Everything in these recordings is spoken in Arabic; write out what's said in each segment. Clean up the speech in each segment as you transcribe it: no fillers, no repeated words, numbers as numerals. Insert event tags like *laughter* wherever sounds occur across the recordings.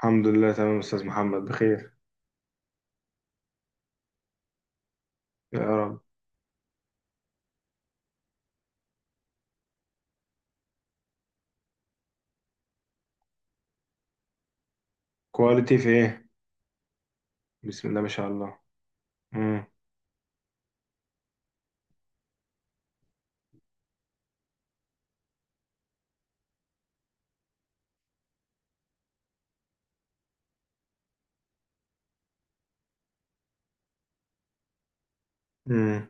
الحمد لله تمام يا أستاذ محمد بخير. يا رب. كواليتي في إيه؟ بسم الله ما شاء الله. مم. مم.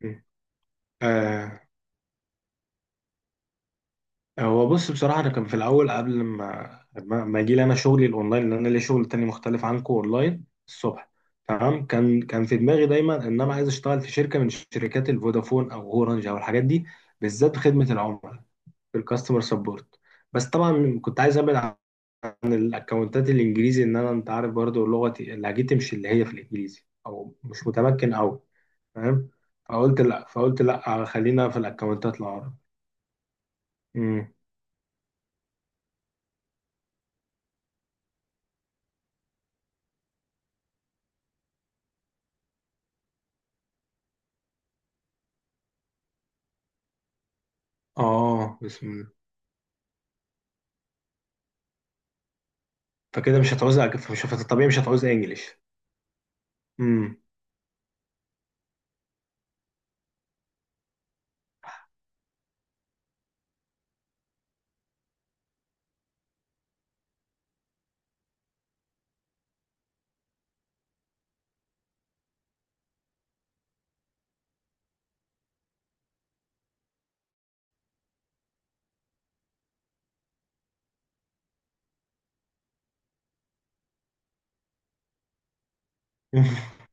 مم. آه. هو بص بصراحة أنا كان في الأول قبل ما أجي لي أنا شغلي الأونلاين، لأن أنا ليا شغل تاني مختلف عنكم أونلاين الصبح. تمام. كان في دماغي دايما إن أنا عايز أشتغل في شركة من شركات الفودافون أو أورنج أو الحاجات دي، بالذات خدمة العملاء، في الكاستمر سبورت. بس طبعا كنت عايز أبعد عن الاكونتات الانجليزي، ان انا، انت عارف برضو لغتي لهجتي مش اللي هي في الانجليزي، او مش متمكن قوي. فاهم. فقلت لا، خلينا في الاكونتات العربي. امم. اه بسم الله. فكده مش هتعوز، مش طبيعي، مش هتعوز انجليش. امم. *laughs*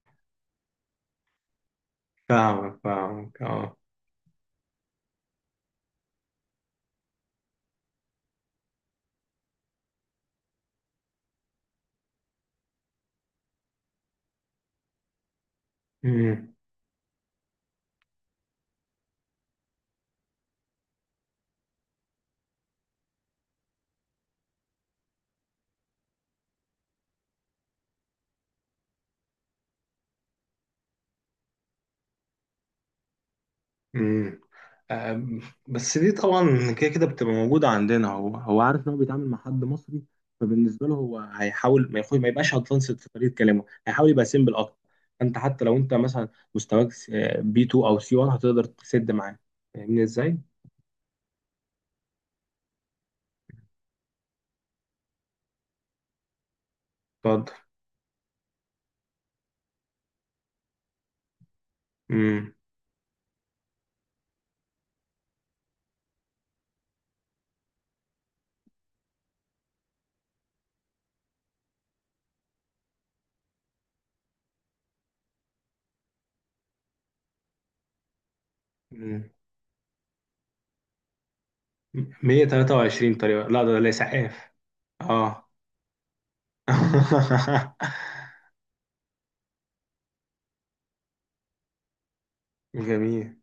فاهمك اه. امم. امم. آم، بس دي طبعا كده كده بتبقى موجودة عندنا، هو عارف ان هو بيتعامل مع حد مصري. فبالنسبة له هو هيحاول ما يبقاش ادفانسد في طريقة كلامه، هيحاول يبقى سيمبل اكتر. انت حتى لو انت مثلا مستواك بي 2 او سي 1 هتقدر تسد معاه. فاهمني ازاي؟ اتفضل. امم. أمم. 123 طريقة؟ لا، ده اسعاف. اه. *laughs* جميل.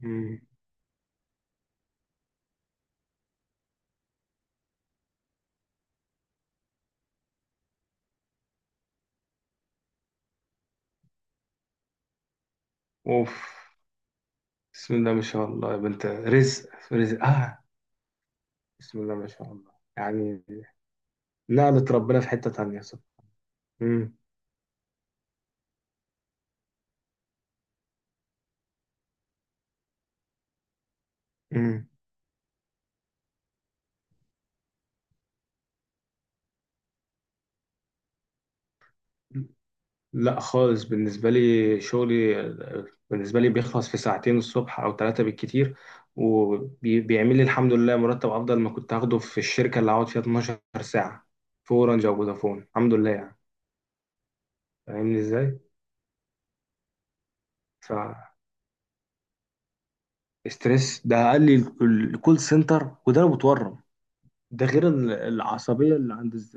مم. اوف. بسم الله ما شاء الله، يا بنت رزق رزق. اه. بسم الله ما شاء الله. يعني نقلت ربنا في حتة تانية، صح. مم. مم. لا خالص. بالنسبة لي شغلي، بالنسبة لي بيخلص في ساعتين الصبح أو ثلاثة بالكتير، وبيعمل لي الحمد لله مرتب أفضل ما كنت هاخده في الشركة اللي هقعد فيها 12 ساعة، في أورنج أو فودافون. الحمد لله يعني. فاهمني إزاي؟ ف ستريس ده قال لي الكول سنتر، وده أنا متورم. ده غير العصبية اللي عند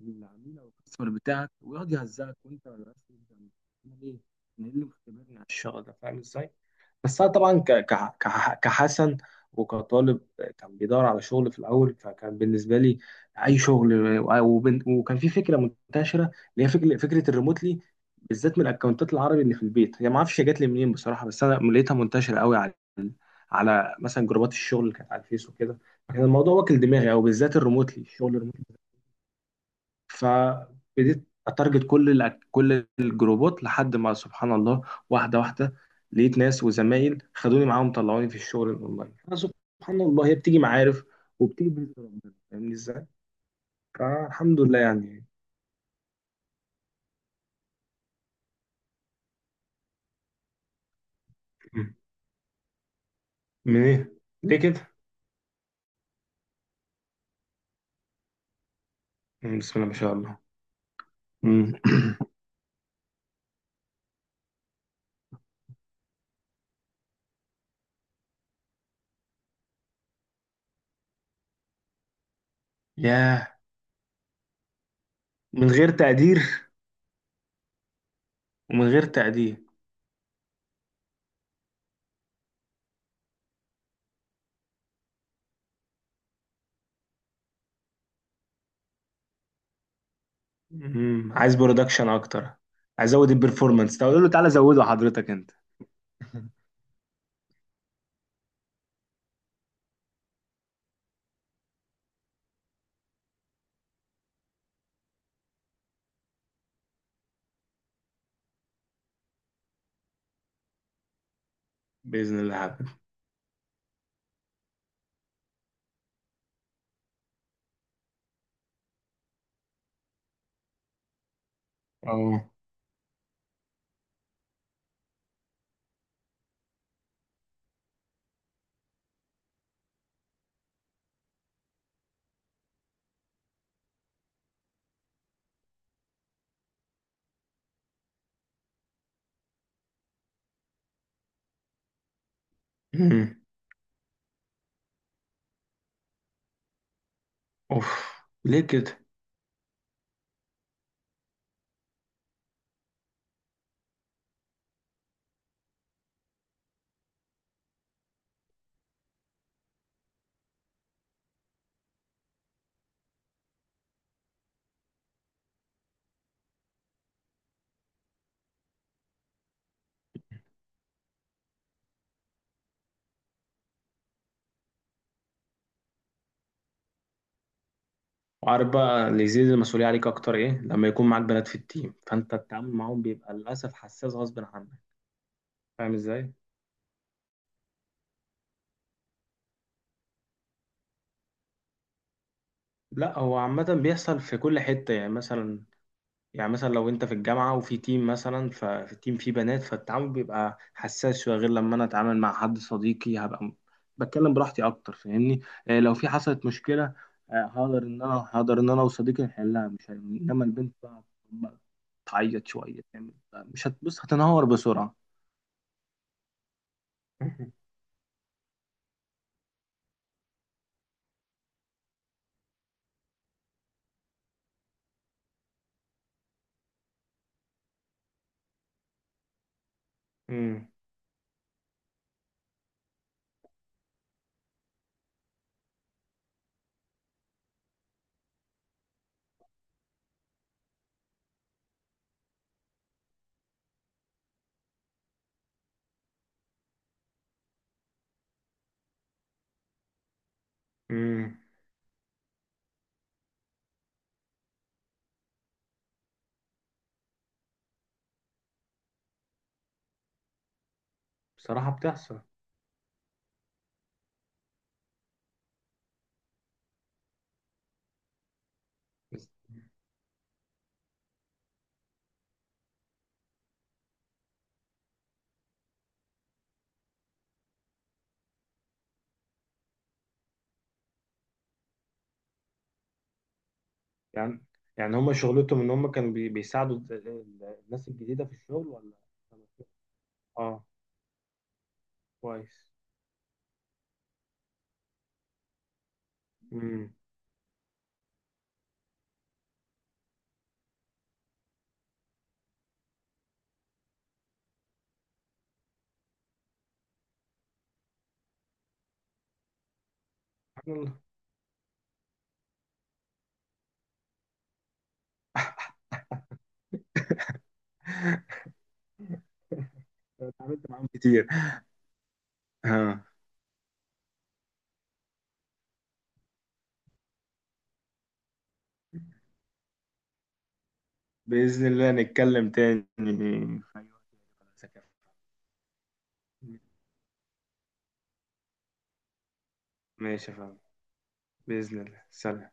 العميل او الكاستمر بتاعك، ويقعد يهزقك وانت ما بقاش فاهم. أنا ليه؟ انا إيه اللي مختبرني على الشغل ده؟ فاهم ازاي؟ بس انا طبعا كحسن وكطالب كان بيدور على شغل في الاول، فكان بالنسبه لي اي شغل. وكان في فكره منتشره اللي هي فكره الريموتلي، بالذات من الاكونتات العربي اللي في البيت. هي ما اعرفش هي جت لي منين بصراحه، بس انا لقيتها منتشره قوي على مثلا جروبات الشغل اللي كانت على الفيس وكده. فكان الموضوع واكل دماغي، او بالذات الريموتلي، الشغل الريموتلي. فبديت اتارجت كل الجروبات، لحد ما سبحان الله واحده واحده لقيت ناس وزمايل خدوني معاهم، طلعوني في الشغل الاونلاين. سبحان الله، هي بتيجي معارف، وبتيجي بإذن ربنا. فاهمني ازاي؟ فالحمد لله يعني. مم. من ايه؟ ليه كده؟ مم، بسم الله ما شاء الله. مم. *coughs* *clears throat* ياه. من غير تقدير. ومن غير تقدير. مم. عايز برودكشن اكتر. عايز ازود البرفورمانس، طب اقول له تعالى زوده حضرتك انت. *laughs* باذن الله حبيبي. اه. مم. اوف. ليه كده. وعارف بقى اللي يزيد المسؤولية عليك أكتر إيه؟ لما يكون معاك بنات في التيم، فأنت التعامل معاهم بيبقى للأسف حساس غصب عنك. فاهم إزاي؟ لا، هو عامة بيحصل في كل حتة، يعني مثلا لو انت في الجامعة وفي تيم مثلا، ففي التيم فيه بنات، فالتعامل بيبقى حساس شوية غير لما انا اتعامل مع حد صديقي، هبقى بتكلم براحتي اكتر. فاهمني. لو في حصلت مشكلة، هقدر ان انا وصديقي نحلها، مش هن- انما البنت بقى، بقى تعيط شوية تعمل، مش هتبص، هتنهار بسرعة. *laughs* امم. امم. بصراحة بتحصل. بس- يعني يعني هما شغلتهم ان هما كانوا بيساعدوا الناس الجديدة في الشغل، ولا؟ اه. كويس. مم. سبحان الله. اتعاملت معاهم كتير. ها. بإذن الله نتكلم تاني، في أي وقت. ماشي يا فندم. بإذن الله سلام